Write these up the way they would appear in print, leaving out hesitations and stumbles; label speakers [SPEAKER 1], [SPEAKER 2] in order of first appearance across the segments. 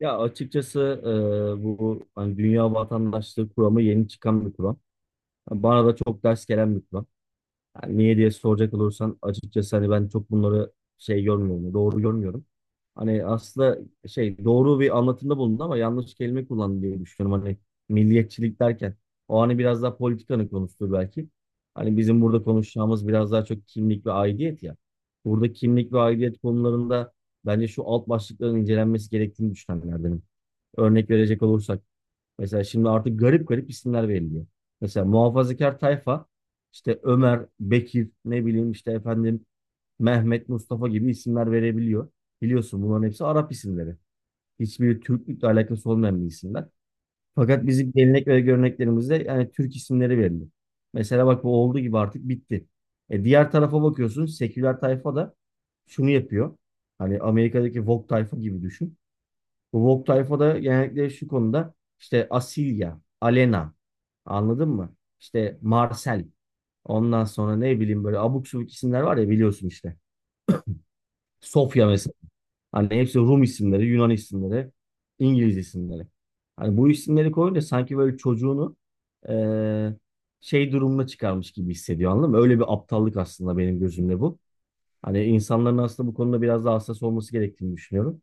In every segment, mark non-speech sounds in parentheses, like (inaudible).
[SPEAKER 1] Ya açıkçası bu hani dünya vatandaşlığı kuramı yeni çıkan bir kuram. Bana da çok ders gelen bir kuram. Yani niye diye soracak olursan açıkçası hani ben çok bunları şey görmüyorum, doğru görmüyorum. Hani aslında şey doğru bir anlatımda bulundu ama yanlış kelime kullandı diye düşünüyorum. Hani milliyetçilik derken o hani biraz daha politikanın konusudur belki. Hani bizim burada konuşacağımız biraz daha çok kimlik ve aidiyet ya. Burada kimlik ve aidiyet konularında bence şu alt başlıkların incelenmesi gerektiğini düşünenlerdenim. Örnek verecek olursak. Mesela şimdi artık garip garip isimler veriliyor. Mesela muhafazakar tayfa işte Ömer, Bekir, ne bileyim işte efendim Mehmet, Mustafa gibi isimler verebiliyor. Biliyorsun bunların hepsi Arap isimleri. Hiçbiri Türklükle alakası olmayan bir isimler. Fakat bizim gelenek ve göreneklerimizde yani Türk isimleri veriliyor. Mesela bak bu olduğu gibi artık bitti. Diğer tarafa bakıyorsun seküler tayfa da şunu yapıyor. Hani Amerika'daki Vogue tayfa gibi düşün. Bu Vogue tayfada genellikle şu konuda işte Asilya, Alena anladın mı? İşte Marcel ondan sonra ne bileyim böyle abuk subuk isimler var ya biliyorsun işte. Sofya mesela. Hani hepsi Rum isimleri, Yunan isimleri, İngiliz isimleri. Hani bu isimleri koyunca sanki böyle çocuğunu eee, şey durumuna çıkarmış gibi hissediyor anladın mı? Öyle bir aptallık aslında benim gözümde bu. Hani insanların aslında bu konuda biraz daha hassas olması gerektiğini düşünüyorum.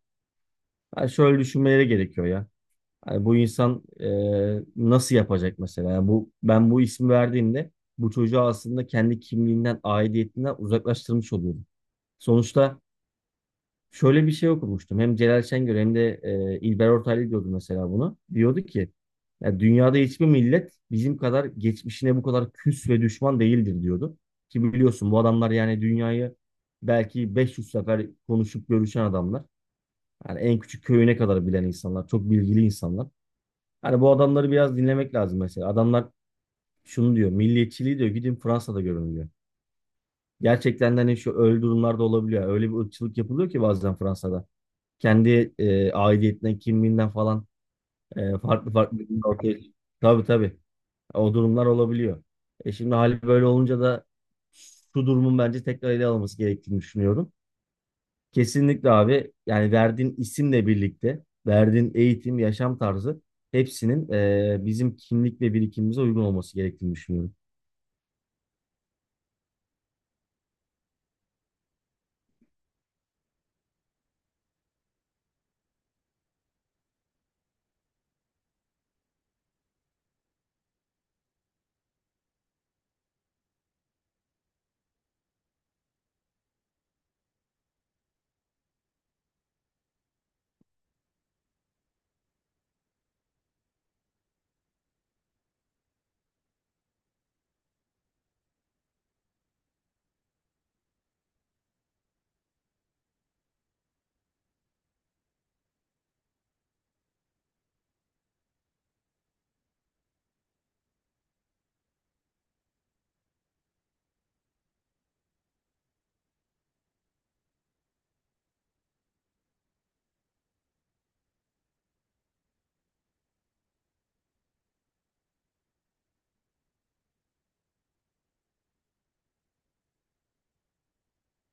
[SPEAKER 1] Yani şöyle düşünmeleri gerekiyor ya. Yani bu insan nasıl yapacak mesela? Yani bu ben bu ismi verdiğimde bu çocuğu aslında kendi kimliğinden, aidiyetinden uzaklaştırmış oluyorum. Sonuçta şöyle bir şey okumuştum. Hem Celal Şengör hem de İlber Ortaylı diyordu mesela bunu. Diyordu ki ya dünyada hiçbir millet bizim kadar geçmişine bu kadar küs ve düşman değildir diyordu. Ki biliyorsun bu adamlar yani dünyayı belki 500 sefer konuşup görüşen adamlar. Yani en küçük köyüne kadar bilen insanlar, çok bilgili insanlar. Hani bu adamları biraz dinlemek lazım mesela. Adamlar şunu diyor. Milliyetçiliği diyor gidin Fransa'da görün diyor. Gerçekten de hani şu öyle durumlarda olabiliyor. Öyle bir ırkçılık yapılıyor ki bazen Fransa'da. Kendi aidiyetinden, kimliğinden falan farklı farklı durumlar ortaya. Tabii tabii. O durumlar olabiliyor. Şimdi hali böyle olunca da şu durumun bence tekrar ele alınması gerektiğini düşünüyorum. Kesinlikle abi. Yani verdiğin isimle birlikte, verdiğin eğitim, yaşam tarzı hepsinin bizim kimlik ve birikimimize uygun olması gerektiğini düşünüyorum.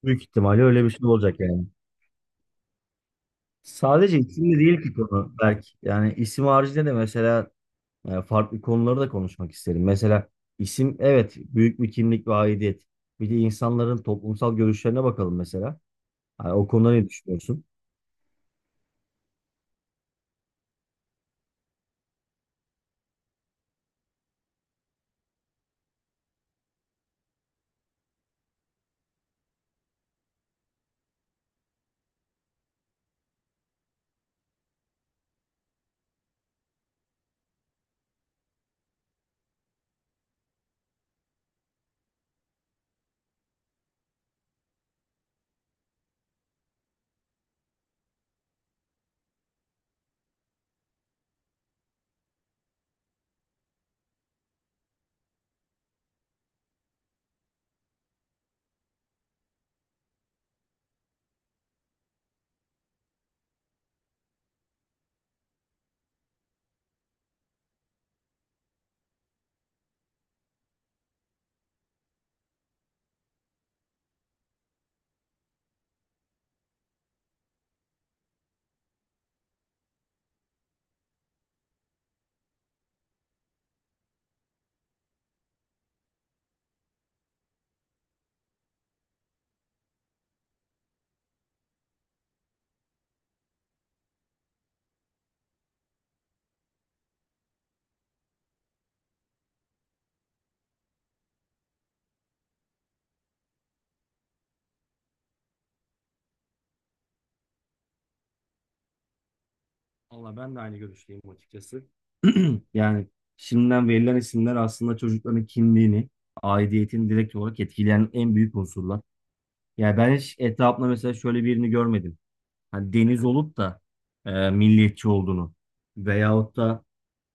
[SPEAKER 1] Büyük ihtimalle öyle bir şey olacak yani. Sadece isimle değil ki konu belki. Yani isim haricinde de mesela farklı konuları da konuşmak isterim. Mesela isim evet büyük bir kimlik ve aidiyet. Bir de insanların toplumsal görüşlerine bakalım mesela. Hani o konuda ne düşünüyorsun? Valla ben de aynı görüşteyim açıkçası. Yani şimdiden verilen isimler aslında çocukların kimliğini, aidiyetini direkt olarak etkileyen en büyük unsurlar. Yani ben hiç etrafımda mesela şöyle birini görmedim. Hani Deniz olup da milliyetçi olduğunu veyahut da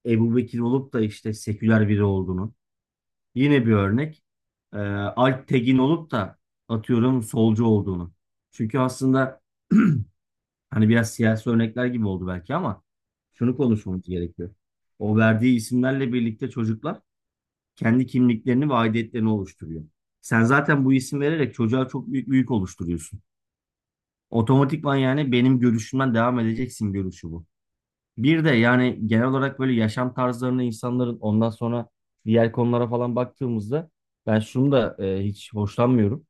[SPEAKER 1] Ebu Bekir olup da işte seküler biri olduğunu. Yine bir örnek. E, Alp Tegin olup da atıyorum solcu olduğunu. Çünkü aslında (clears throat) hani biraz siyasi örnekler gibi oldu belki ama şunu konuşmamız gerekiyor. O verdiği isimlerle birlikte çocuklar kendi kimliklerini ve aidiyetlerini oluşturuyor. Sen zaten bu isim vererek çocuğa çok büyük bir yük oluşturuyorsun. Otomatikman yani benim görüşümden devam edeceksin görüşü bu. Bir de yani genel olarak böyle yaşam tarzlarını insanların ondan sonra diğer konulara falan baktığımızda ben şunu da hiç hoşlanmıyorum.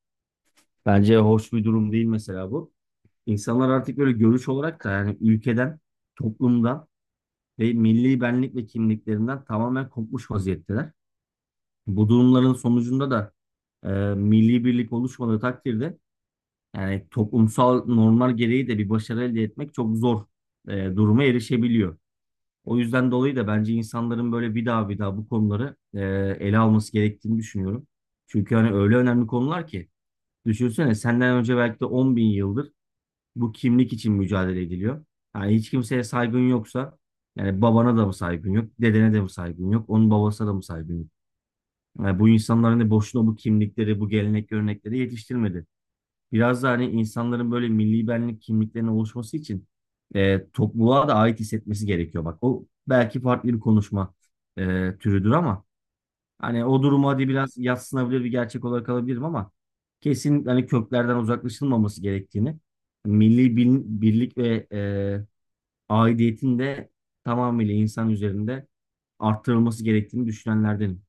[SPEAKER 1] Bence hoş bir durum değil mesela bu. İnsanlar artık böyle görüş olarak da yani ülkeden, toplumdan ve milli benlik ve kimliklerinden tamamen kopmuş vaziyetteler. Bu durumların sonucunda da milli birlik oluşmadığı takdirde yani toplumsal normlar gereği de bir başarı elde etmek çok zor duruma erişebiliyor. O yüzden dolayı da bence insanların böyle bir daha bir daha bu konuları ele alması gerektiğini düşünüyorum. Çünkü hani öyle önemli konular ki düşünsene senden önce belki de 10 bin yıldır bu kimlik için mücadele ediliyor. Yani hiç kimseye saygın yoksa yani babana da mı saygın yok, dedene de mi saygın yok, onun babasına da mı saygın yok? Yani bu insanlar hani boşuna bu kimlikleri, bu gelenek görenekleri yetiştirmedi. Biraz da hani insanların böyle milli benlik kimliklerinin oluşması için topluluğa da ait hissetmesi gerekiyor. Bak o belki farklı bir konuşma türüdür ama hani o durumu hadi biraz yadsınabilir bir gerçek olarak alabilirim ama kesin hani köklerden uzaklaşılmaması gerektiğini, milli birlik ve aidiyetin de tamamıyla insan üzerinde arttırılması gerektiğini düşünenlerdenim.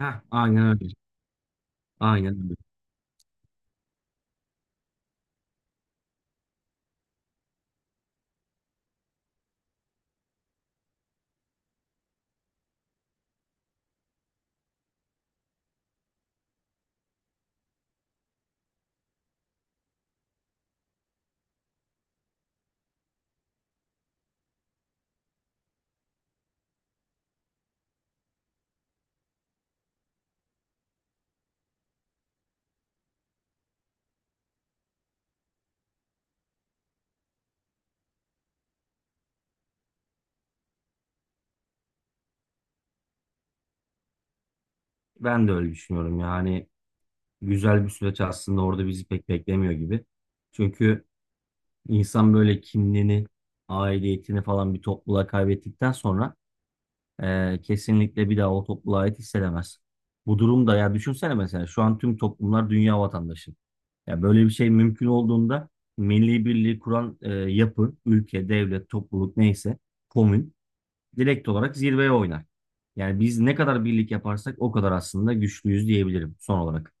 [SPEAKER 1] Heh, aynen öyle. Aynen öyle. Ben de öyle düşünüyorum yani güzel bir süreç aslında orada bizi pek beklemiyor gibi. Çünkü insan böyle kimliğini, aidiyetini falan bir topluluğa kaybettikten sonra kesinlikle bir daha o topluluğa ait hissedemez. Bu durumda ya düşünsene mesela şu an tüm toplumlar dünya vatandaşı. Ya böyle bir şey mümkün olduğunda milli birliği kuran yapı, ülke, devlet, topluluk neyse komün direkt olarak zirveye oynar. Yani biz ne kadar birlik yaparsak o kadar aslında güçlüyüz diyebilirim son olarak.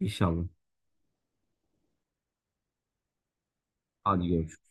[SPEAKER 1] İnşallah. Hadi görüşürüz.